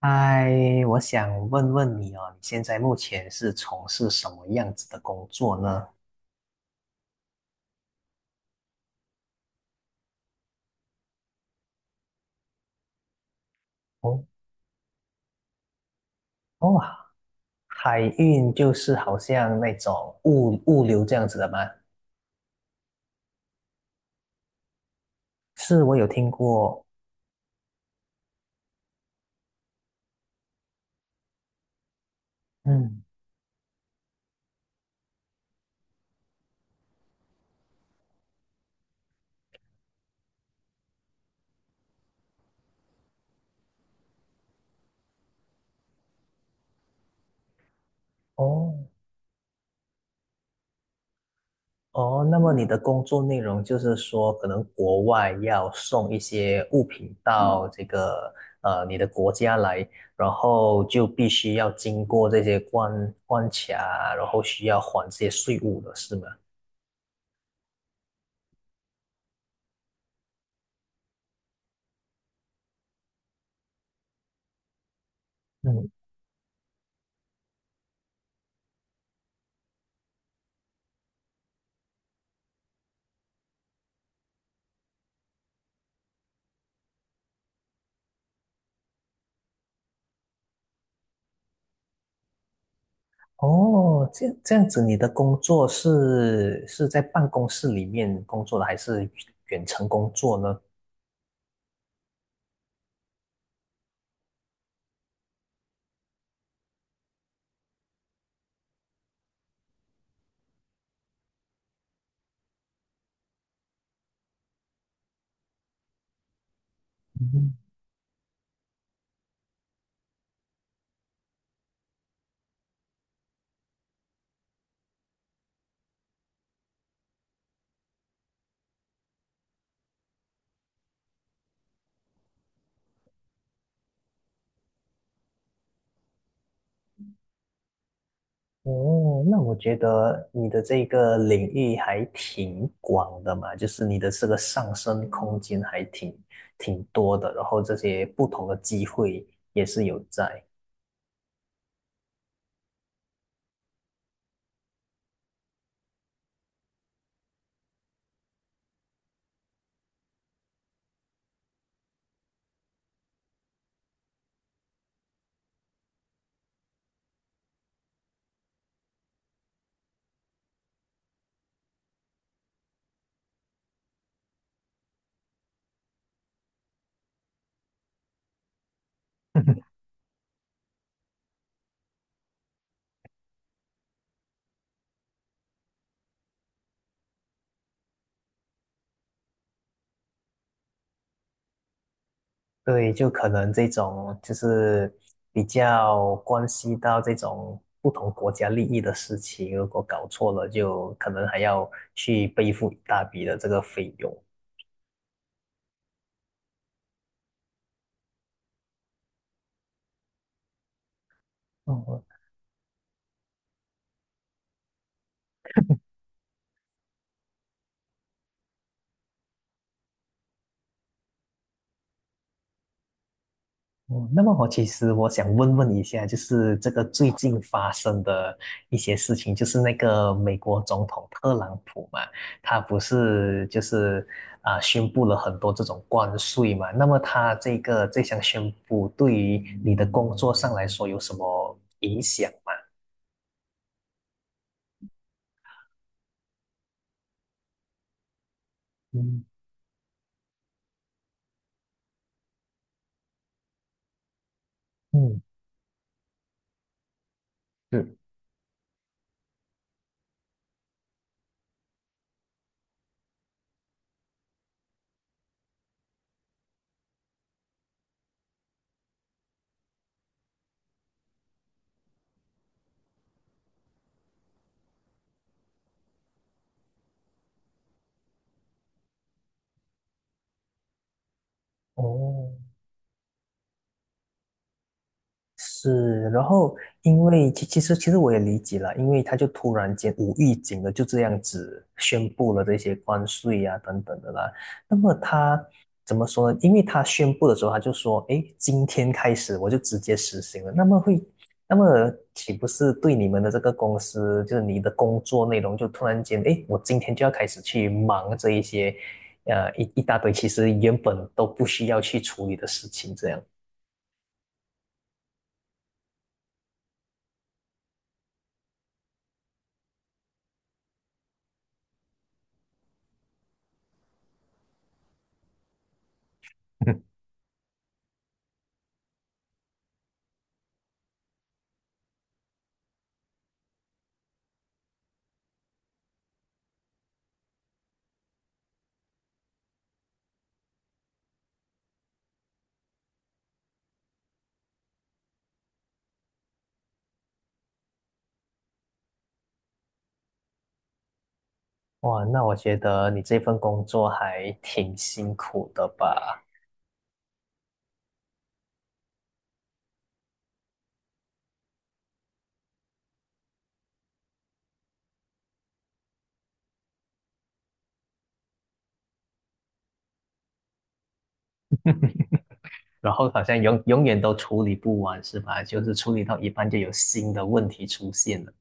嗨，我想问问你哦，你现在目前是从事什么样子的工作呢？哦哦啊，海运就是好像那种物流这样子的吗？是，我有听过。嗯，哦哦，那么你的工作内容就是说，可能国外要送一些物品到这个你的国家来，然后就必须要经过这些关卡，然后需要还这些税务的是吗？嗯。哦，这样子，你的工作是在办公室里面工作的，还是远程工作呢？嗯哦，那我觉得你的这个领域还挺广的嘛，就是你的这个上升空间还挺多的，然后这些不同的机会也是有在。对，就可能这种就是比较关系到这种不同国家利益的事情，如果搞错了，就可能还要去背负一大笔的这个费用。嗯，哦，那么我其实想问问一下，就是这个最近发生的一些事情，就是那个美国总统特朗普嘛，他不是就是宣布了很多这种关税嘛，那么他这项宣布对于你的工作上来说有什么影响吗？嗯，嗯，是。哦。是，然后因为其实我也理解了，因为他就突然间无预警的就这样子宣布了这些关税啊等等的啦。那么他怎么说呢？因为他宣布的时候他就说，诶，今天开始我就直接实行了。那么岂不是对你们的这个公司，就是你的工作内容就突然间，诶，我今天就要开始去忙这一些，一大堆其实原本都不需要去处理的事情，这样。哇，那我觉得你这份工作还挺辛苦的吧？然后好像永远都处理不完，是吧？就是处理到一半就有新的问题出现了。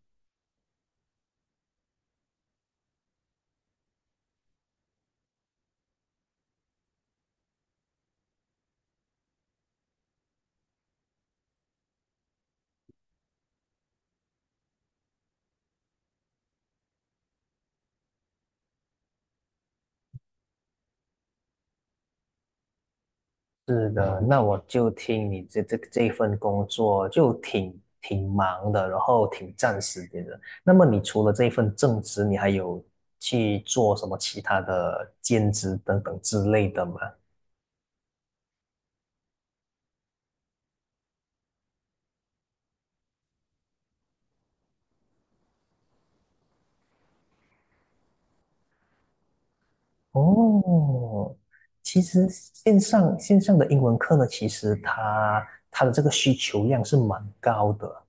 是的，那我就听你这份工作就挺忙的，然后挺占时间的。那么你除了这份正职，你还有去做什么其他的兼职等等之类的吗？哦，其实线上的英文课呢，其实它的这个需求量是蛮高的，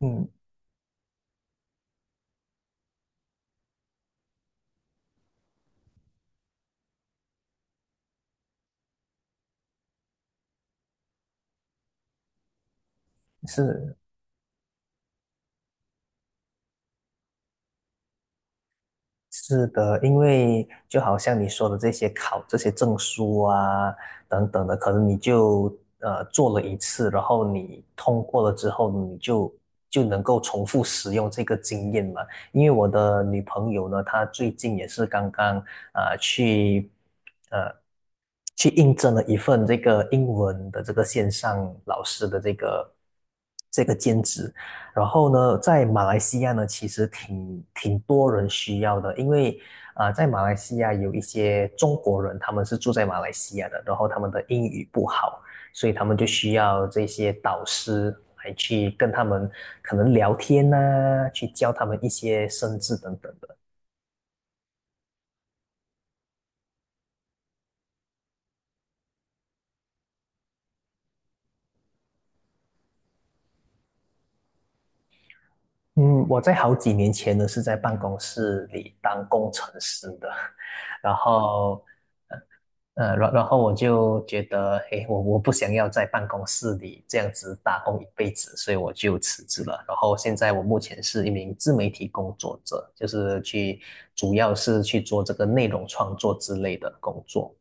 嗯，是是的，因为就好像你说的这些考这些证书啊等等的，可能你就做了一次，然后你通过了之后，你就能够重复使用这个经验嘛。因为我的女朋友呢，她最近也是刚刚啊、呃去呃去应征了一份这个英文的这个线上老师的这个兼职，然后呢，在马来西亚呢，其实挺多人需要的，因为在马来西亚有一些中国人，他们是住在马来西亚的，然后他们的英语不好，所以他们就需要这些导师来去跟他们可能聊天呐、去教他们一些生字等等的。嗯，我在好几年前呢是在办公室里当工程师的，然后，然后我就觉得，诶，我不想要在办公室里这样子打工一辈子，所以我就辞职了。然后现在我目前是一名自媒体工作者，就是去主要是去做这个内容创作之类的工作。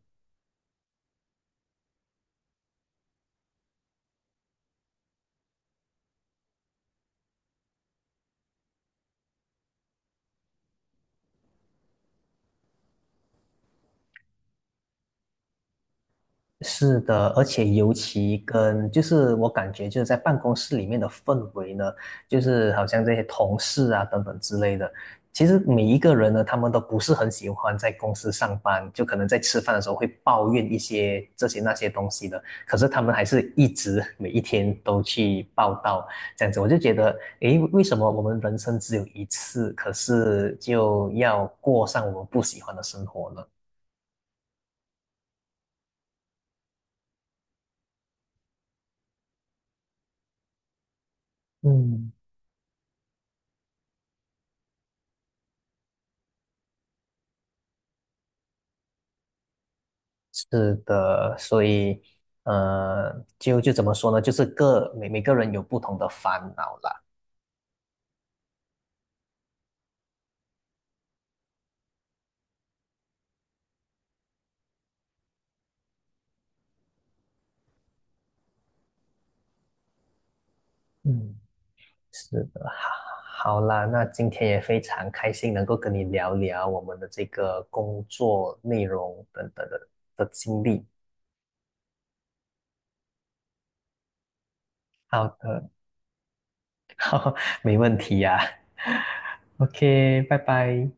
是的，而且尤其跟就是我感觉就是在办公室里面的氛围呢，就是好像这些同事啊等等之类的，其实每一个人呢，他们都不是很喜欢在公司上班，就可能在吃饭的时候会抱怨一些这些那些东西的，可是他们还是一直每一天都去报道这样子，我就觉得，诶，为什么我们人生只有一次，可是就要过上我们不喜欢的生活呢？嗯，是的，所以，呃，就怎么说呢？就是每个人有不同的烦恼啦。嗯是的，好啦，那今天也非常开心能够跟你聊聊我们的这个工作内容等等的经历。好的，没问题呀、OK，拜拜。